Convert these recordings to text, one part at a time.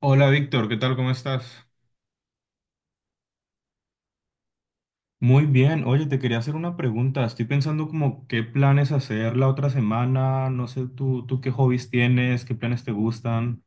Hola Víctor, ¿qué tal? ¿Cómo estás? Muy bien, oye, te quería hacer una pregunta. Estoy pensando como qué planes hacer la otra semana. No sé, tú qué hobbies tienes, qué planes te gustan.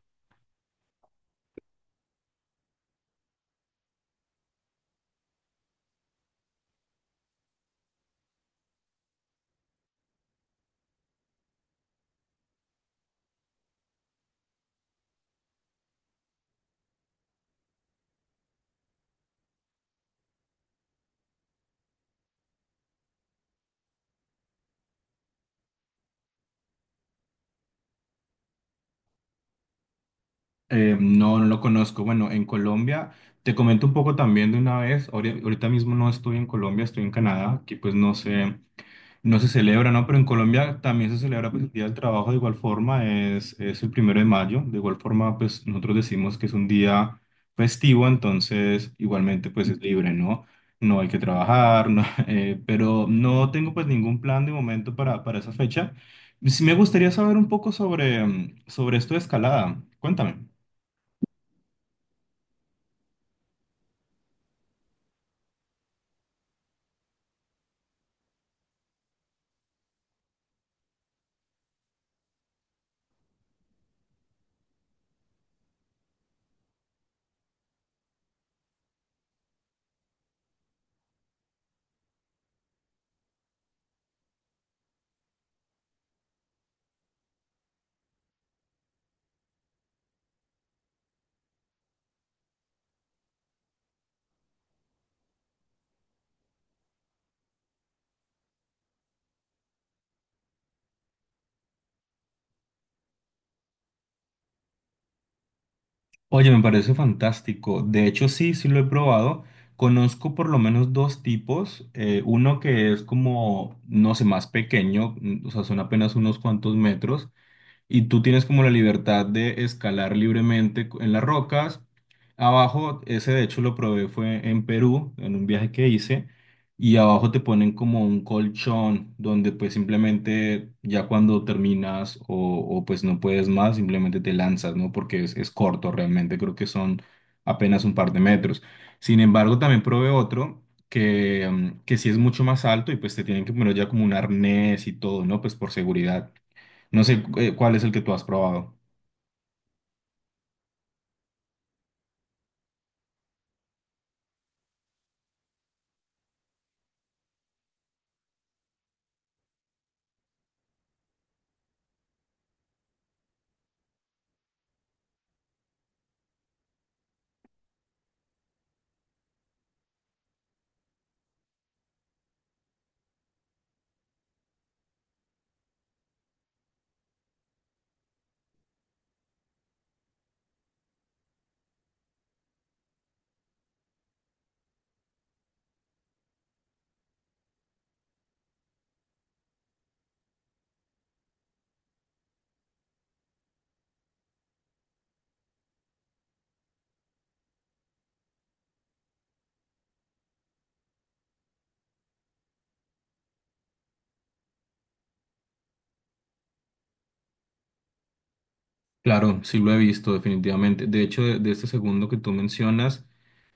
No, no lo conozco. Bueno, en Colombia, te comento un poco también de una vez. Ahorita mismo no estoy en Colombia, estoy en Canadá, que pues no sé. No se celebra, ¿no? Pero en Colombia también se celebra pues, el Día del Trabajo de igual forma, es el primero de mayo, de igual forma pues nosotros decimos que es un día festivo, entonces igualmente pues es libre, ¿no? No hay que trabajar, no, pero no tengo pues ningún plan de momento para esa fecha. Sí me gustaría saber un poco sobre esto de escalada, cuéntame. Oye, me parece fantástico. De hecho, sí, sí lo he probado. Conozco por lo menos dos tipos. Uno que es como, no sé, más pequeño, o sea, son apenas unos cuantos metros y tú tienes como la libertad de escalar libremente en las rocas. Abajo, ese de hecho lo probé fue en Perú, en un viaje que hice, y abajo te ponen como un colchón donde pues simplemente ya cuando terminas o pues no puedes más, simplemente te lanzas, ¿no? Porque es corto realmente, creo que son apenas un par de metros. Sin embargo, también probé otro que sí es mucho más alto y pues te tienen que poner ya como un arnés y todo, ¿no? Pues por seguridad. No sé cuál es el que tú has probado. Claro, sí lo he visto definitivamente. De hecho, de este segundo que tú mencionas,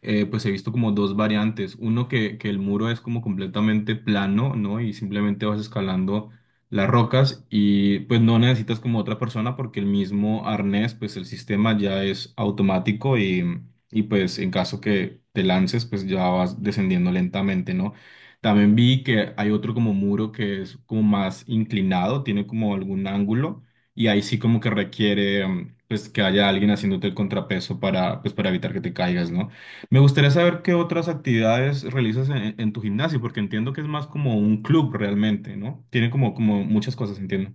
pues he visto como dos variantes. Uno que el muro es como completamente plano, ¿no? Y simplemente vas escalando las rocas y pues no necesitas como otra persona porque el mismo arnés, pues el sistema ya es automático y pues en caso que te lances, pues ya vas descendiendo lentamente, ¿no? También vi que hay otro como muro que es como más inclinado, tiene como algún ángulo y ahí sí como que requiere pues que haya alguien haciéndote el contrapeso para pues para evitar que te caigas, ¿no? Me gustaría saber qué otras actividades realizas en tu gimnasio, porque entiendo que es más como un club realmente, ¿no? Tiene como, como muchas cosas, entiendo.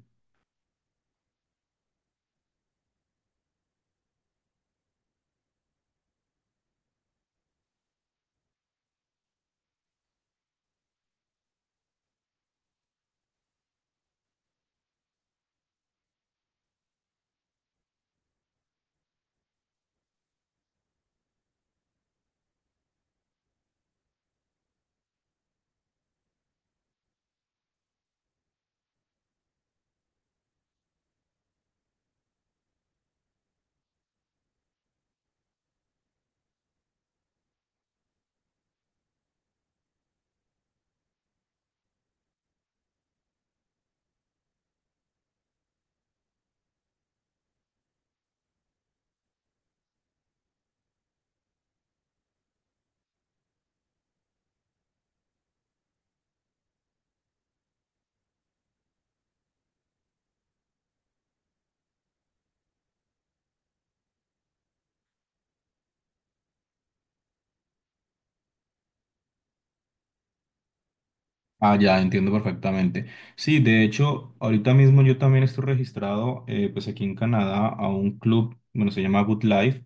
Ah, ya, entiendo perfectamente. Sí, de hecho, ahorita mismo yo también estoy registrado, pues aquí en Canadá, a un club, bueno, se llama Good Life,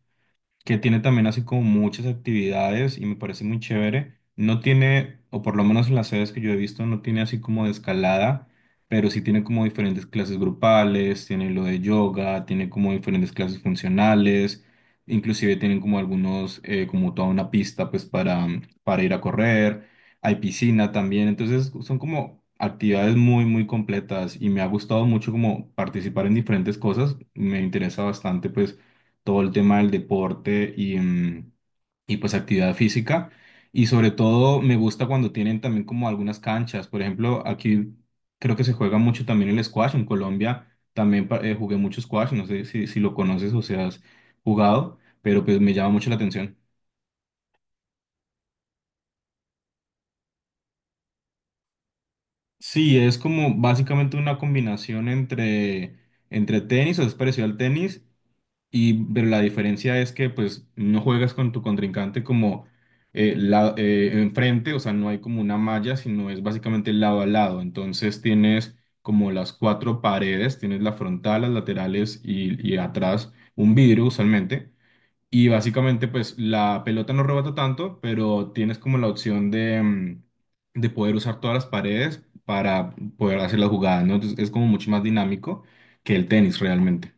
que tiene también así como muchas actividades y me parece muy chévere. No tiene, o por lo menos en las sedes que yo he visto, no tiene así como de escalada, pero sí tiene como diferentes clases grupales, tiene lo de yoga, tiene como diferentes clases funcionales, inclusive tienen como algunos, como toda una pista pues para ir a correr, hay piscina también, entonces son como actividades muy muy completas y me ha gustado mucho como participar en diferentes cosas, me interesa bastante pues todo el tema del deporte y pues actividad física. Y sobre todo me gusta cuando tienen también como algunas canchas. Por ejemplo, aquí creo que se juega mucho también el squash. En Colombia también jugué mucho squash. No sé si lo conoces o si has jugado, pero pues me llama mucho la atención. Sí, es como básicamente una combinación entre tenis, o es parecido al tenis, y pero la diferencia es que pues no juegas con tu contrincante como enfrente, o sea, no hay como una malla, sino es básicamente lado a lado. Entonces tienes como las cuatro paredes, tienes la frontal, las laterales y atrás un vidrio usualmente. Y básicamente pues la pelota no rebota tanto, pero tienes como la opción de poder usar todas las paredes para poder hacer las jugadas, ¿no? Entonces es como mucho más dinámico que el tenis realmente.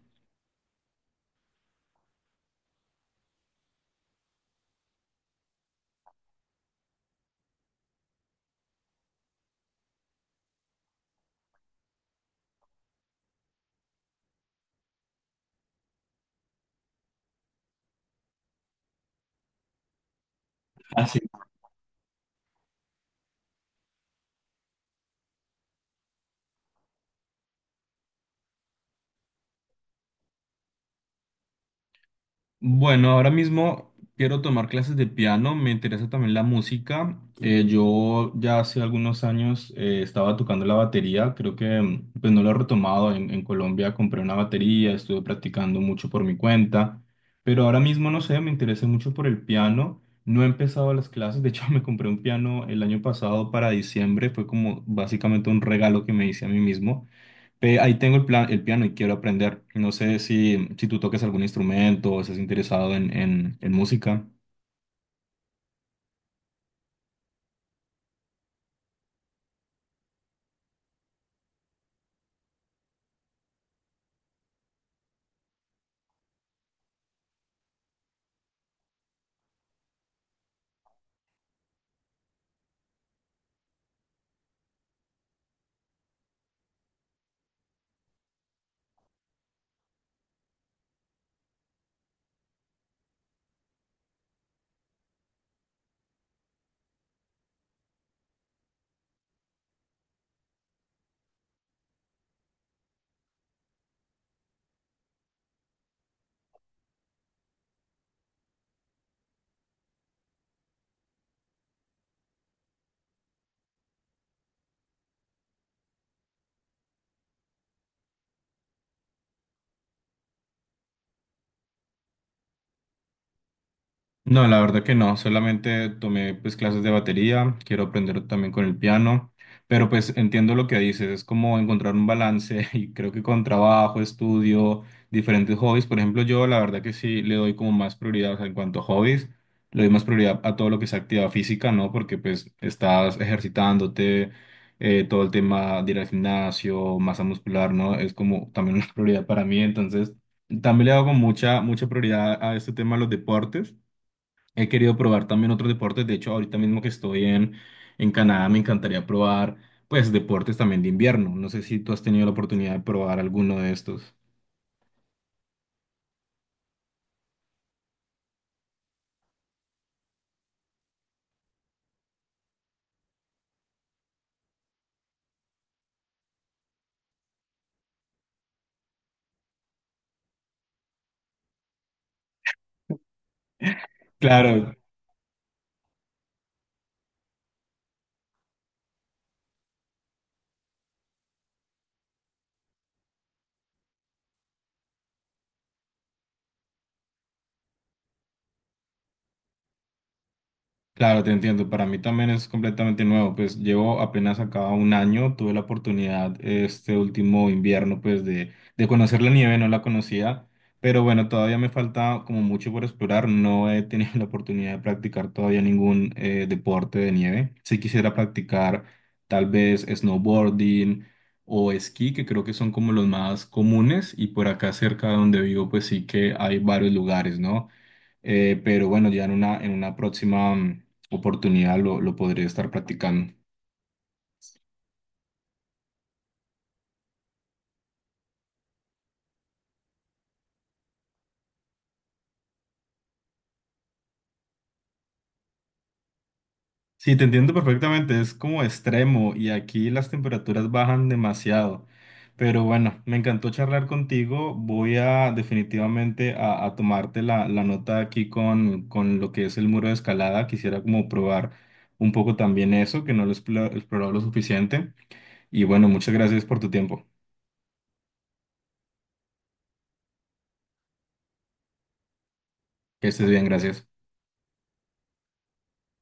Bueno, ahora mismo quiero tomar clases de piano, me interesa también la música. Yo ya hace algunos años estaba tocando la batería, creo que pues no lo he retomado. En Colombia compré una batería, estuve practicando mucho por mi cuenta, pero ahora mismo no sé, me interesé mucho por el piano. No he empezado las clases, de hecho me compré un piano el año pasado para diciembre, fue como básicamente un regalo que me hice a mí mismo. Ve, ahí tengo el plan, el piano y quiero aprender. No sé si, si tú toques algún instrumento o estás interesado en música. No, la verdad que no, solamente tomé pues clases de batería, quiero aprender también con el piano, pero pues entiendo lo que dices, es como encontrar un balance y creo que con trabajo, estudio, diferentes hobbies, por ejemplo, yo la verdad que sí le doy como más prioridad, o sea, en cuanto a hobbies, le doy más prioridad a todo lo que es actividad física, ¿no? Porque pues estás ejercitándote, todo el tema de ir al gimnasio, masa muscular, ¿no? Es como también una prioridad para mí, entonces también le hago mucha, mucha prioridad a este tema de los deportes. He querido probar también otros deportes. De hecho, ahorita mismo que estoy en Canadá, me encantaría probar, pues, deportes también de invierno. No sé si tú has tenido la oportunidad de probar alguno de estos. Claro, Claro, te entiendo. Para mí también es completamente nuevo. Pues llevo apenas acá un año. Tuve la oportunidad este último invierno, pues de conocer la nieve. No la conocía, pero bueno, todavía me falta como mucho por explorar. No he tenido la oportunidad de practicar todavía ningún deporte de nieve. Si quisiera practicar tal vez snowboarding o esquí, que creo que son como los más comunes. Y por acá cerca de donde vivo, pues sí que hay varios lugares, ¿no? Pero bueno, ya en una, próxima oportunidad lo podría estar practicando. Sí, te entiendo perfectamente, es como extremo y aquí las temperaturas bajan demasiado. Pero bueno, me encantó charlar contigo. Voy a definitivamente a tomarte la nota aquí con lo que es el muro de escalada. Quisiera como probar un poco también eso, que no lo he explorado lo suficiente. Y bueno, muchas gracias por tu tiempo. Que estés bien, gracias.